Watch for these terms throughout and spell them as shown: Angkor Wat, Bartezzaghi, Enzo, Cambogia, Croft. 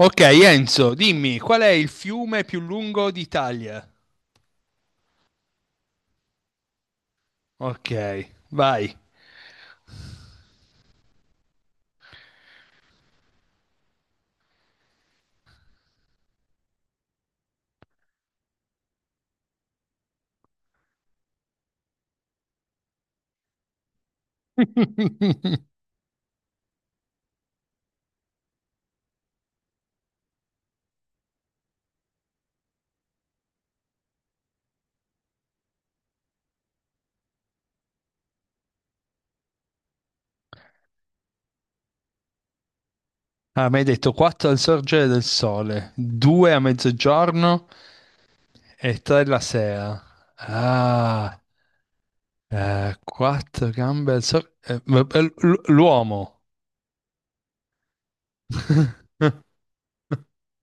Ok, Enzo, dimmi, qual è il fiume più lungo d'Italia? Ok, vai. Ah, mi hai detto 4 al sorgere del sole, 2 a mezzogiorno e 3 la sera. Ah, 4 gambe al sorgere. L'uomo.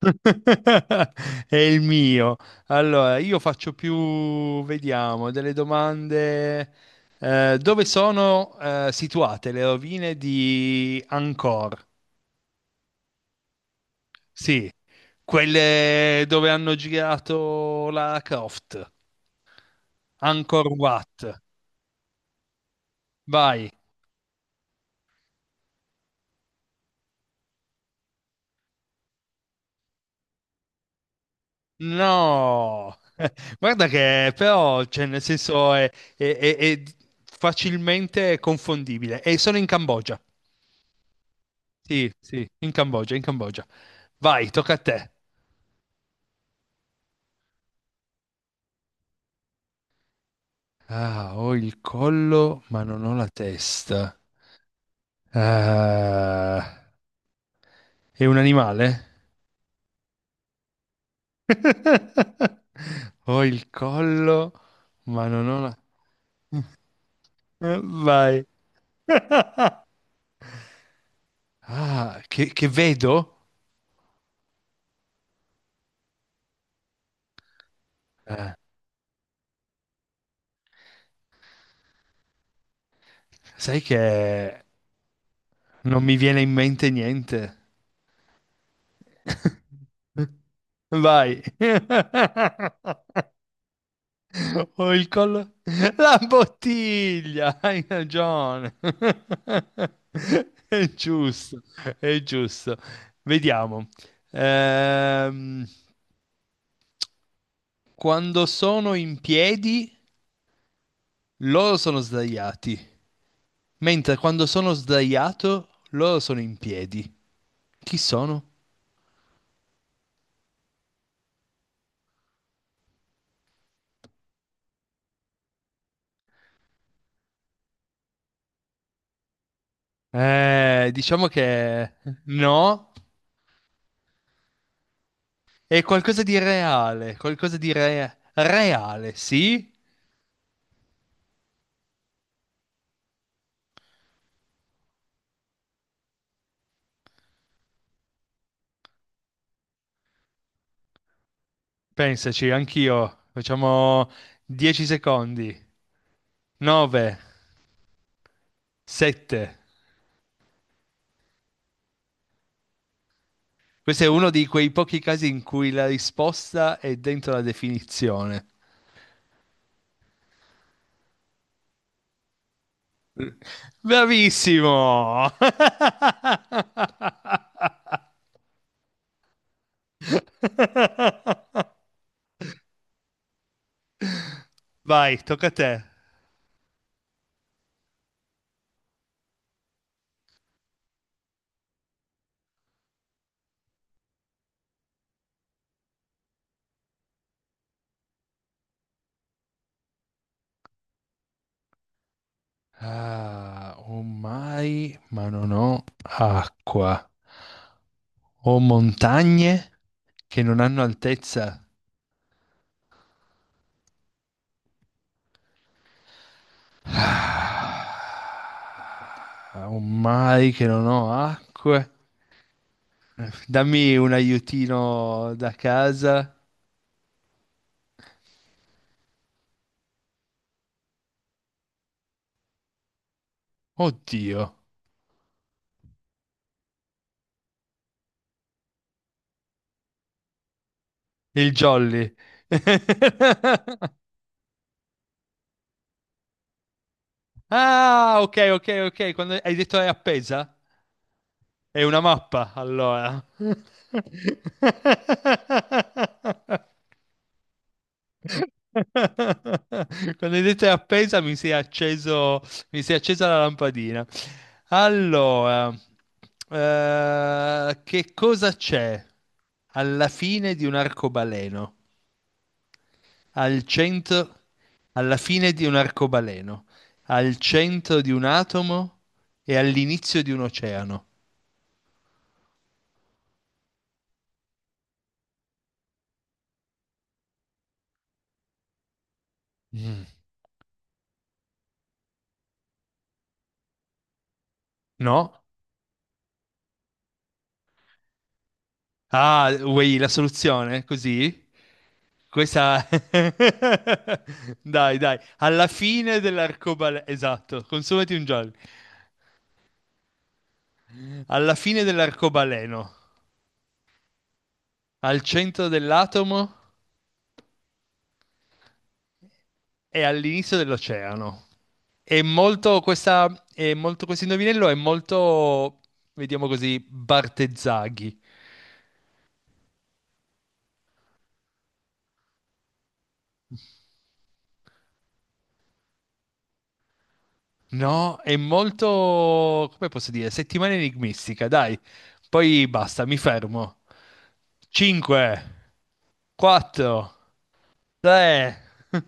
È il mio. Allora, io faccio più, vediamo, delle domande. Dove sono situate le rovine di Angkor? Sì, quelle dove hanno girato la Croft. Angkor Wat. Vai. No, guarda che però, cioè, nel senso è facilmente confondibile. E sono in Cambogia. Sì, sì, in Cambogia, in Cambogia. Vai, tocca a te. Ah, ho il collo, ma non ho la testa. Ah, è un animale? Ho il collo, ma non ho la. Vai. Ah, che vedo? Eh, sai che non mi viene in mente niente. Vai. Ho il collo. La bottiglia, hai ragione. È giusto, è giusto. Vediamo. Ehm, quando sono in piedi, loro sono sdraiati. Mentre quando sono sdraiato, loro sono in piedi. Chi sono? Diciamo che no, è qualcosa di reale, qualcosa di reale, sì, Pensaci, anch'io. Facciamo 10 secondi. 9, 7. Questo è uno di quei pochi casi in cui la risposta è dentro la definizione. Bravissimo! Vai, tocca a te. Ah, ho mai, ma non ho acqua. Ho montagne che non hanno altezza. Ah, un mai che non ho acque. Dammi un aiutino da casa. Oddio, il Jolly. Ah, ok, ok, ok. Quando hai detto è appesa? È una mappa, allora. Quando hai detto è appesa mi si è accesa la lampadina. Allora, che cosa c'è alla fine di un arcobaleno? Al centro, alla fine di un arcobaleno, al centro di un atomo e all'inizio di un oceano. Mm. No? Ah, vuoi la soluzione? Così? Questa. Dai, dai, alla fine dell'arcobaleno, esatto, consumati un giallo. Alla fine dell'arcobaleno, al centro dell'atomo e all'inizio dell'oceano. È molto questa, è molto questo indovinello, è molto, vediamo così, Bartezzaghi. No, è molto, come posso dire, settimana enigmistica, dai. Poi basta, mi fermo. 5, 4, tre.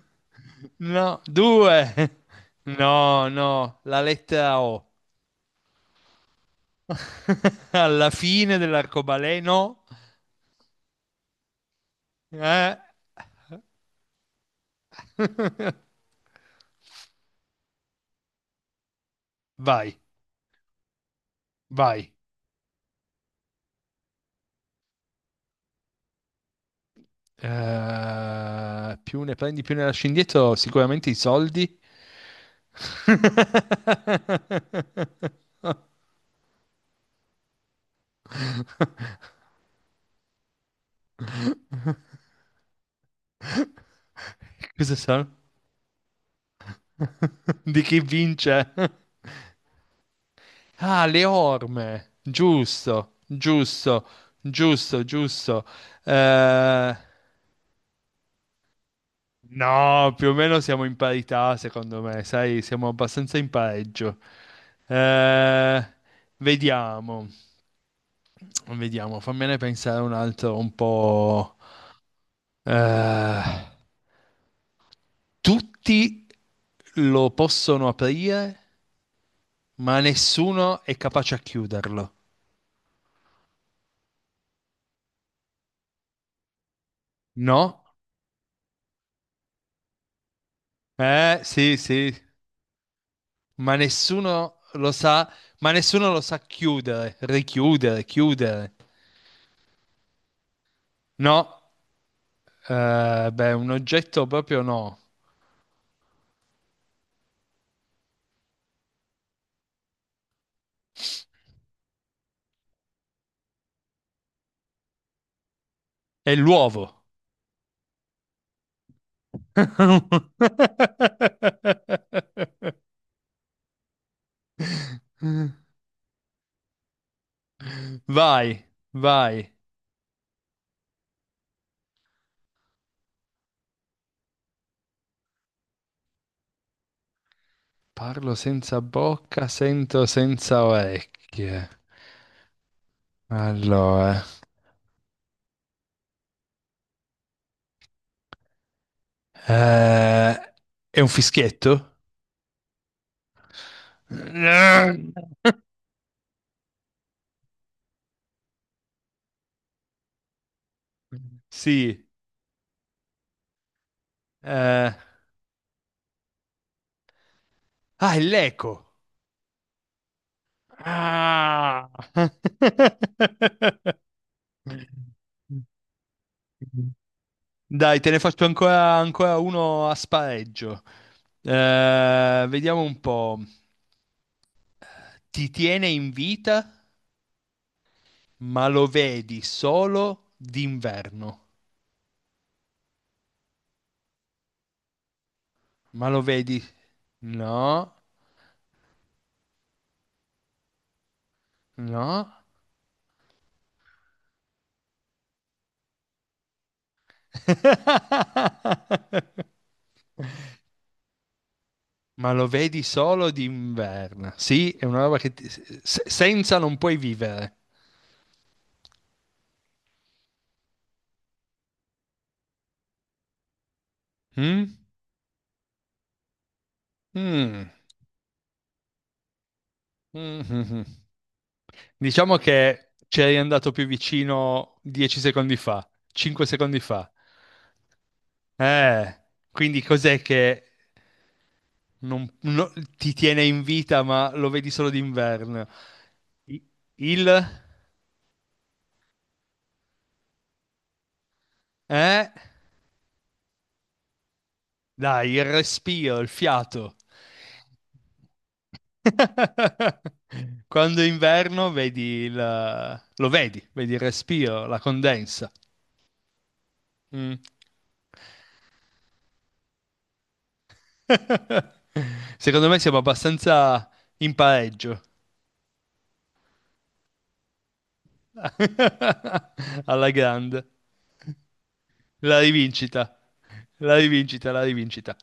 No, due. No, no, la lettera O. Alla fine dell'arcobaleno. No. Vai, vai. Più ne prendi, più ne lasci indietro, sicuramente i soldi. Cosa sono? Di chi vince? Ah, le orme. Giusto, giusto, giusto, giusto. Eh, no, più o meno siamo in parità, secondo me, sai, siamo abbastanza in pareggio. Eh, vediamo, vediamo, fammene pensare un altro un po'. Eh, tutti lo possono aprire, ma nessuno è capace a chiuderlo. No? Sì, sì. ma nessuno lo sa, ma nessuno lo sa chiudere, richiudere, chiudere. No, beh, un oggetto proprio no. È l'uovo. Vai, vai. Parlo senza bocca, sento senza orecchie. Allora, eh, è un fischietto? Sì. eh, è l'eco. Ah! Dai, te ne faccio ancora, ancora uno a spareggio. Vediamo un po'. Ti tiene in vita, ma lo vedi solo d'inverno. Ma lo vedi? No, no. Ma lo vedi solo d'inverno. Sì, è una roba che senza non puoi vivere. Mm? Mm. Mhm. Diciamo che ci eri andato più vicino 10 secondi fa, 5 secondi fa. Eh, quindi cos'è che non- no- ti tiene in vita, ma lo vedi solo d'inverno? I- Il. Eh? Dai, il respiro, il fiato. Quando è inverno lo vedi, vedi il respiro, la condensa. Mm. Secondo me siamo abbastanza in pareggio. Alla grande. La rivincita. La rivincita, la rivincita.